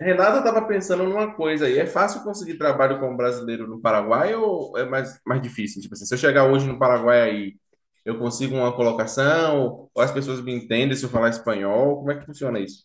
Renata estava pensando numa coisa aí. É fácil conseguir trabalho como brasileiro no Paraguai ou é mais difícil? Tipo assim, se eu chegar hoje no Paraguai aí, eu consigo uma colocação? Ou as pessoas me entendem se eu falar espanhol? Como é que funciona isso?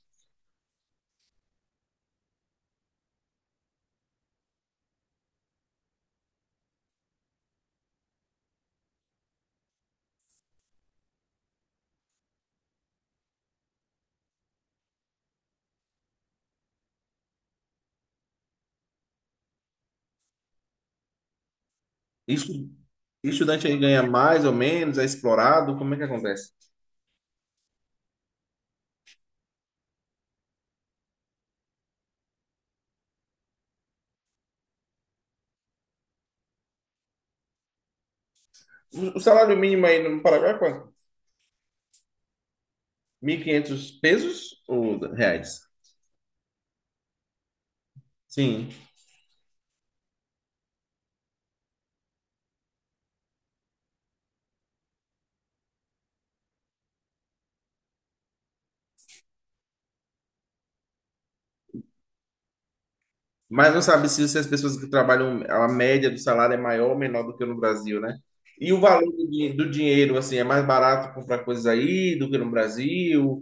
Estu- Estudante aí ganha mais ou menos? É explorado? Como é que acontece? O salário mínimo aí no Paraguai é quanto? 1.500 pesos ou reais? Sim. Mas não sabe se as pessoas que trabalham, a média do salário é maior ou menor do que no Brasil, né? E o valor do dinheiro, assim, é mais barato comprar coisas aí do que no Brasil?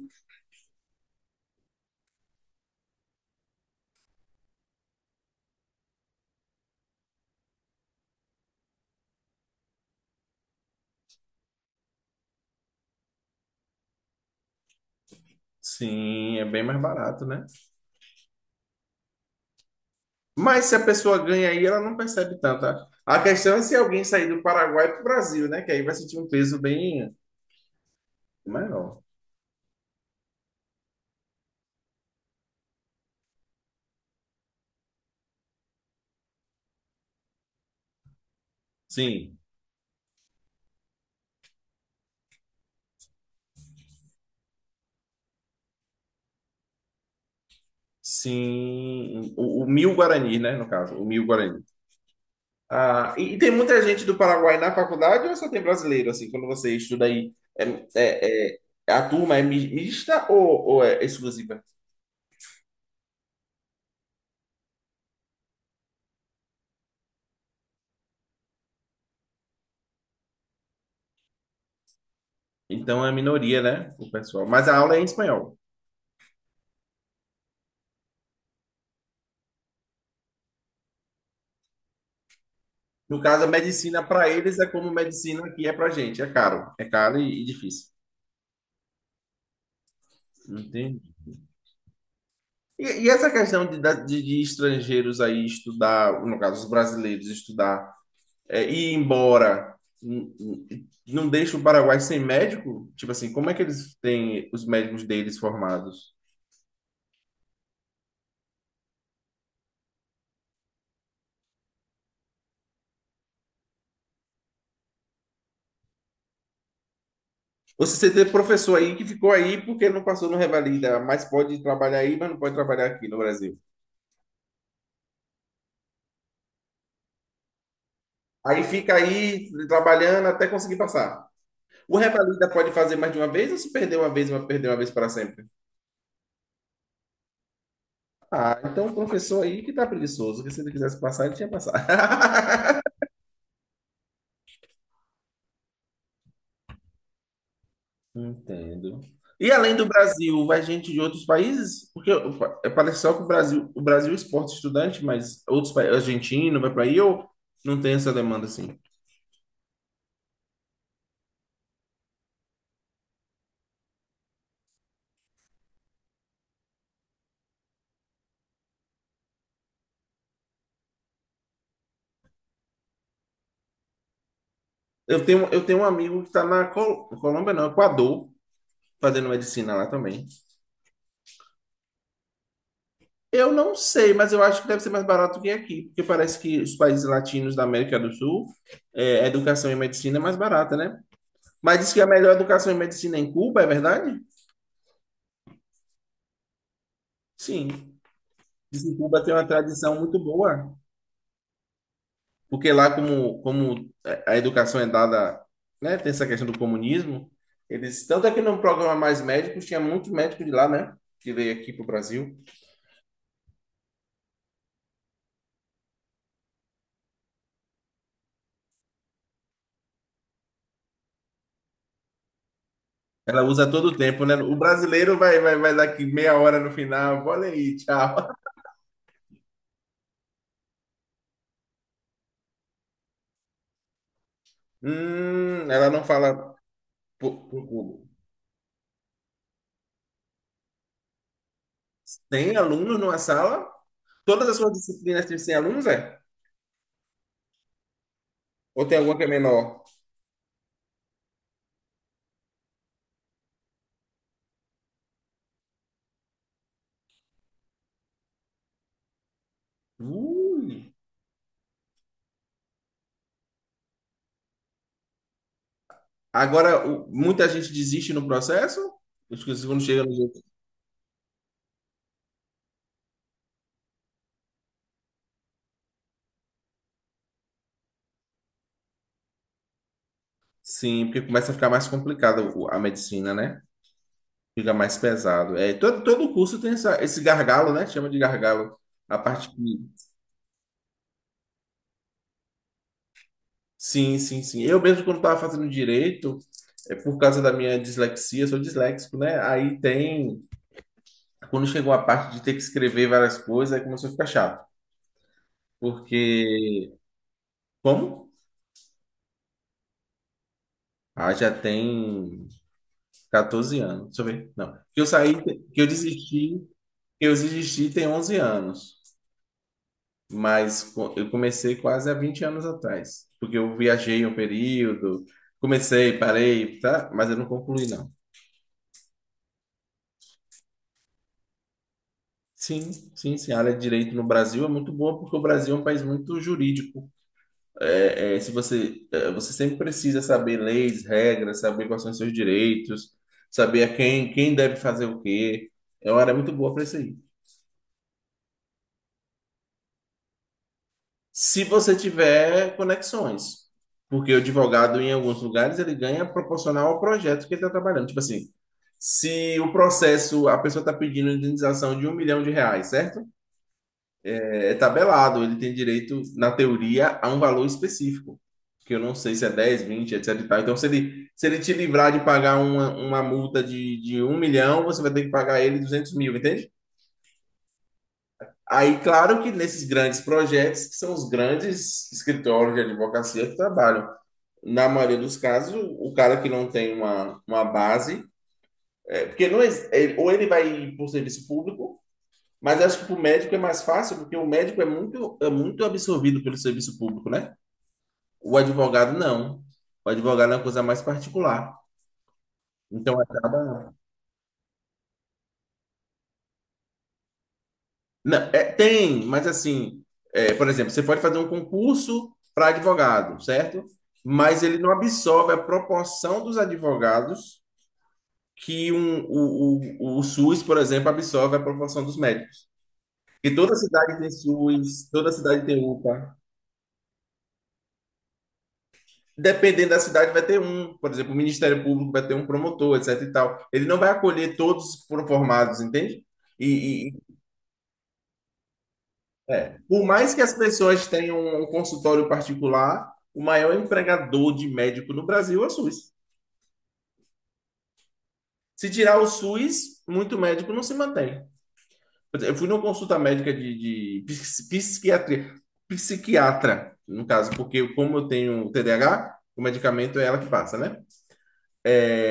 Sim, é bem mais barato, né? Mas se a pessoa ganha aí, ela não percebe tanto. A questão é se alguém sair do Paraguai para o Brasil, né? Que aí vai sentir um peso bem maior. Sim, sim. O mil guarani, né? No caso, o mil guarani. Ah, e tem muita gente do Paraguai na faculdade ou só tem brasileiro, assim, quando você estuda aí? A turma é mista ou é exclusiva? Então é minoria, né, o pessoal. Mas a aula é em espanhol. No caso, a medicina para eles é como medicina aqui é para gente. É caro. É caro e difícil. Entendi. E essa questão de, de estrangeiros aí estudar, no caso, os brasileiros estudar é, ir embora não deixa o Paraguai sem médico? Tipo assim, como é que eles têm os médicos deles formados? Você se teve professor aí que ficou aí porque não passou no Revalida, mas pode trabalhar aí, mas não pode trabalhar aqui no Brasil. Aí fica aí trabalhando até conseguir passar. O Revalida pode fazer mais de uma vez ou se perder uma vez, vai perder uma vez para sempre? Ah, então o professor aí que tá preguiçoso, que se ele quisesse passar, ele tinha passado. Entendo. E além do Brasil, vai gente de outros países? Porque parece só que o Brasil exporta estudante, mas outros países, argentino, vai para aí ou não tem essa demanda assim? Eu tenho um amigo que está na Colômbia, não, Equador, fazendo medicina lá também. Eu não sei, mas eu acho que deve ser mais barato que aqui, porque parece que os países latinos da América do Sul, é, a educação e medicina é mais barata, né? Mas diz que a melhor educação e medicina é em Cuba, é verdade? Sim. Diz que Cuba tem uma tradição muito boa. Porque lá, como, como a educação é dada, né, tem essa questão do comunismo, eles, tanto é que no programa Mais Médicos, tinha muito médico de lá, né, que veio aqui pro Brasil. Ela usa todo o tempo, né? O brasileiro vai, vai, vai daqui meia hora no final, olha aí, tchau. Ela não fala por Google. Tem alunos numa sala? Todas as suas disciplinas têm alunos, é? Ou tem alguma que é menor? Ui. Agora, o- muita gente desiste no processo? Os que- Quando chega. Sim, porque começa a ficar mais complicado o- a medicina, né? Fica mais pesado. É, todo, todo curso tem essa- esse gargalo, né? Chama de gargalo. A parte que. Sim, sim, sim. Eu mesmo, quando estava fazendo direito, é por causa da minha dislexia, sou disléxico, né? Aí tem. Quando chegou a parte de ter que escrever várias coisas, aí começou a ficar chato. Porque. Como? Ah, já tem 14 anos. Deixa eu ver. Não. Que eu desisti tem 11 anos. Mas eu comecei quase há 20 anos atrás, porque eu viajei um período, comecei, parei, tá? Mas eu não concluí, não. Sim, sim, sim. A área de direito no Brasil é muito boa porque o Brasil é um país muito jurídico. É, é, se você, você sempre precisa saber leis, regras, saber quais são os seus direitos, saber a quem deve fazer o quê. É uma área muito boa para isso aí. Se você tiver conexões. Porque o advogado, em alguns lugares, ele ganha proporcional ao projeto que ele está trabalhando. Tipo assim, se o processo, a pessoa está pedindo indenização de 1 milhão de reais, certo? É tabelado, ele tem direito, na teoria, a um valor específico. Que eu não sei se é 10, 20, etc. e tal. Então, se ele te livrar de pagar uma multa de 1 milhão, você vai ter que pagar ele 200 mil, entende? Aí, claro que nesses grandes projetos, que são os grandes escritórios de advocacia que trabalham. Na maioria dos casos, o cara que não tem uma base, é, porque não ex- é, ou ele vai por serviço público, mas acho que para o médico é mais fácil, porque o médico é muito absorvido pelo serviço público, né? O advogado não. O advogado é uma coisa mais particular. Então acaba. Não, tem, mas assim, por exemplo, você pode fazer um concurso para advogado, certo? Mas ele não absorve a proporção dos advogados que o SUS, por exemplo, absorve a proporção dos médicos. E toda cidade tem SUS, toda cidade tem UPA. Dependendo da cidade, vai ter um. Por exemplo, o Ministério Público vai ter um promotor, etc e tal. Ele não vai acolher todos foram formados, entende? E, e- por mais que as pessoas tenham um consultório particular, o maior empregador de médico no Brasil é o SUS. Se tirar o SUS, muito médico não se mantém. Por exemplo, eu fui numa consulta médica de psiquiatria, psiquiatra, no caso, porque como eu tenho TDAH, o medicamento é ela que passa, né?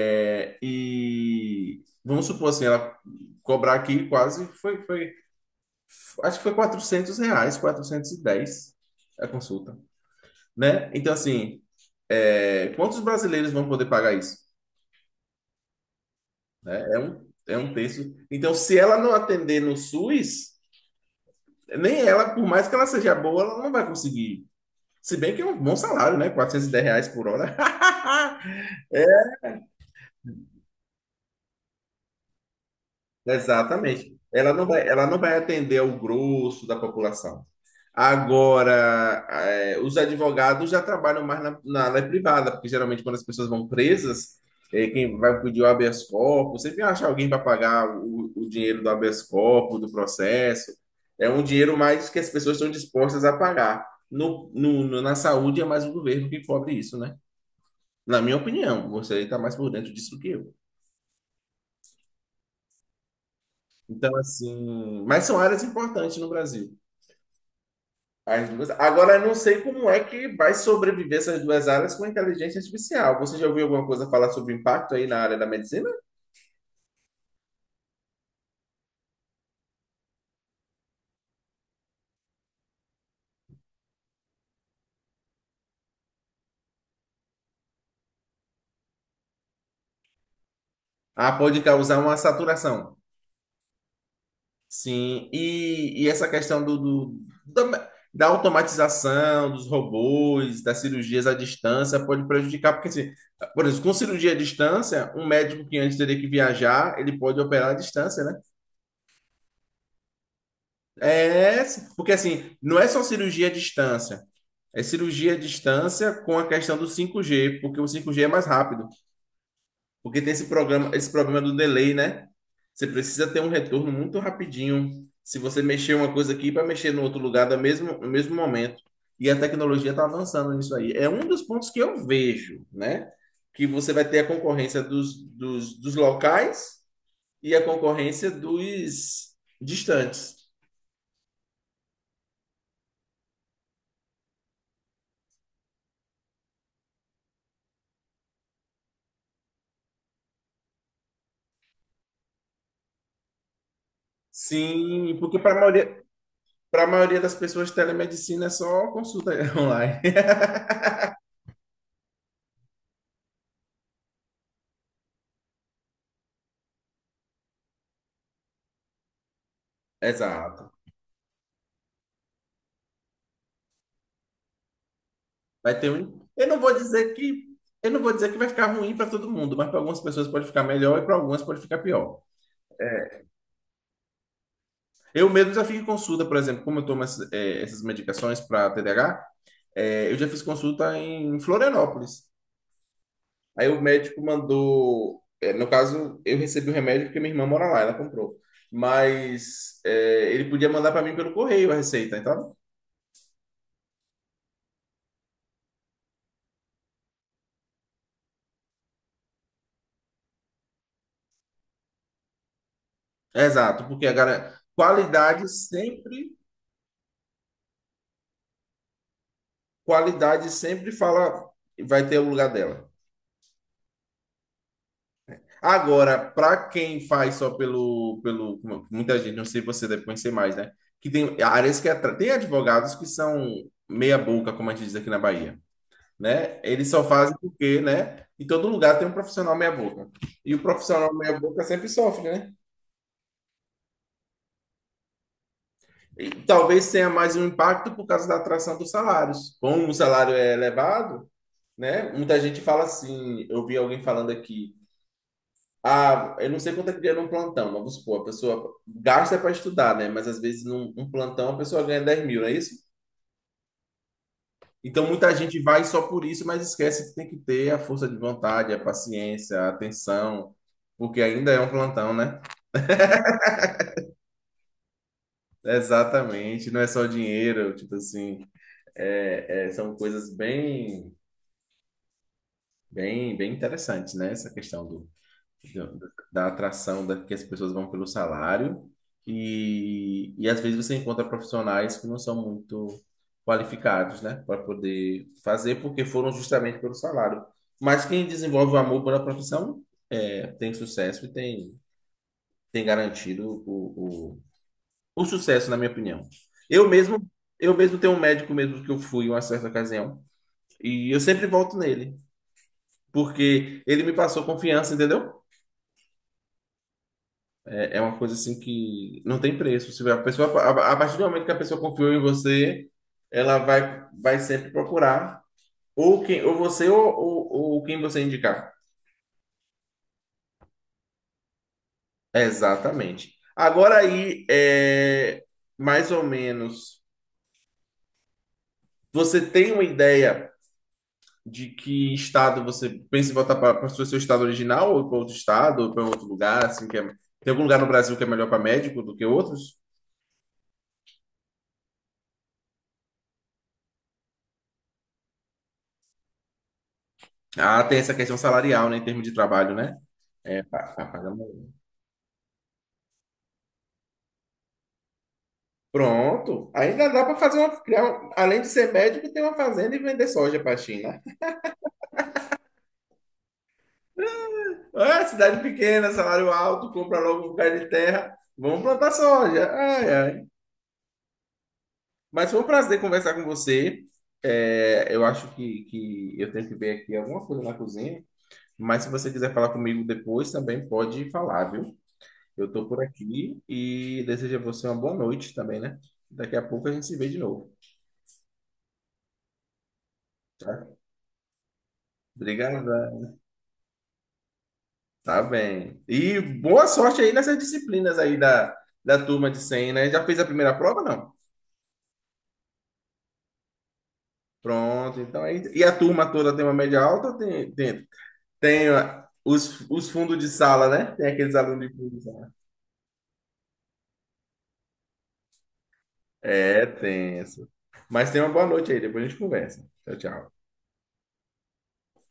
E vamos supor assim, ela cobrar aqui quase foi, acho que foi R$ 400, 410 a consulta, né? Então, assim, é, quantos brasileiros vão poder pagar isso? Né? É um terço. Então, se ela não atender no SUS, nem ela, por mais que ela seja boa, ela não vai conseguir. Se bem que é um bom salário, né? R$ 410 reais por hora. Exatamente. Ela não vai atender ao grosso da população. Agora, os advogados já trabalham mais na, na área privada, porque geralmente quando as pessoas vão presas, quem vai pedir o habeas corpus, sempre acha alguém para pagar o dinheiro do habeas corpus, do processo. É um dinheiro mais que as pessoas estão dispostas a pagar. No, na saúde é mais o governo que cobre isso, né? Na minha opinião, você está mais por dentro disso que eu. Então, assim, mas são áreas importantes no Brasil. As duas. Agora, eu não sei como é que vai sobreviver essas duas áreas com a inteligência artificial. Você já ouviu alguma coisa falar sobre o impacto aí na área da medicina? Ah, pode causar uma saturação. Sim, e essa questão do, da automatização dos robôs, das cirurgias à distância, pode prejudicar, porque, assim, por exemplo, com cirurgia à distância, um médico que antes teria que viajar, ele pode operar à distância, né? É, porque assim, não é só cirurgia à distância. É cirurgia à distância com a questão do 5G, porque o 5G é mais rápido, porque tem esse programa, esse problema do delay, né? Você precisa ter um retorno muito rapidinho. Se você mexer uma coisa aqui para mexer no outro lugar no mesmo, no mesmo momento. E a tecnologia está avançando nisso aí. É um dos pontos que eu vejo, né? Que você vai ter a concorrência dos locais e a concorrência dos distantes. Sim, porque para a maioria das pessoas, telemedicina é só consulta online. Exato. Vai ter um. Eu não vou dizer que vai ficar ruim para todo mundo, mas para algumas pessoas pode ficar melhor e para algumas pode ficar pior. É, eu mesmo já fiz consulta, por exemplo, como eu tomo essas medicações para TDAH, eu já fiz consulta em Florianópolis. Aí o médico mandou, no caso, eu recebi o remédio porque minha irmã mora lá, ela comprou. Mas ele podia mandar para mim pelo correio a receita. Então, exato, porque agora qualidade sempre fala, vai ter o lugar dela. Agora, para quem faz só pelo, pelo, como muita gente, não sei se você deve conhecer mais, né? Que tem áreas que atra- tem advogados que são meia boca, como a gente diz aqui na Bahia, né? Eles só fazem porque, né? Em todo lugar tem um profissional meia boca. E o profissional meia boca sempre sofre, né? E talvez tenha mais um impacto por causa da atração dos salários. Como o salário é elevado, né? Muita gente fala assim, eu vi alguém falando aqui, ah, eu não sei quanto é que ganha num plantão, mas vamos supor, a pessoa gasta para estudar, né? Mas às vezes num plantão a pessoa ganha 10 mil, não é isso? Então muita gente vai só por isso, mas esquece que tem que ter a força de vontade, a paciência, a atenção, porque ainda é um plantão, né? Exatamente, não é só dinheiro, tipo assim, é- é, são coisas bem, bem, bem interessantes, né? Essa questão do da da atração da, que as pessoas vão pelo salário e às vezes você encontra profissionais que não são muito qualificados, né, para poder fazer porque foram justamente pelo salário. Mas quem desenvolve o amor pela profissão é, tem sucesso e tem garantido o, o sucesso, na minha opinião. Eu mesmo, eu mesmo tenho um médico mesmo que eu fui em uma certa ocasião e eu sempre volto nele. Porque ele me passou confiança, entendeu? É, é uma coisa assim que não tem preço. Se a pessoa, a partir do momento que a pessoa confiou em você, ela vai sempre procurar ou quem, ou você ou, quem você indicar. Exatamente. Agora aí, mais ou menos, você tem uma ideia de que estado você pensa em voltar para o seu estado original ou para outro estado ou para outro lugar, assim, que é- tem algum lugar no Brasil que é melhor para médico do que outros? Ah, tem essa questão salarial, né, em termos de trabalho, né? É, paga. Pronto. Ainda dá para fazer uma. Além de ser médico, ter uma fazenda e vender soja para a China. Ah, cidade pequena, salário alto, compra logo um lugar de terra. Vamos plantar soja. Ai, ai. Mas foi um prazer conversar com você. É, eu acho que eu tenho que ver aqui alguma coisa na cozinha. Mas se você quiser falar comigo depois, também pode falar, viu? Eu estou por aqui e desejo a você uma boa noite também, né? Daqui a pouco a gente se vê de novo, tá? Obrigado. Tá bem. E boa sorte aí nessas disciplinas aí da, da turma de 100 né? Já fez a primeira prova, não? Pronto, então aí. E a turma toda tem uma média alta ou tem, ó, os fundos de sala, né? Tem aqueles alunos de fundo de sala. É tenso. Mas tenha uma boa noite aí, depois a gente conversa. Tchau, tchau.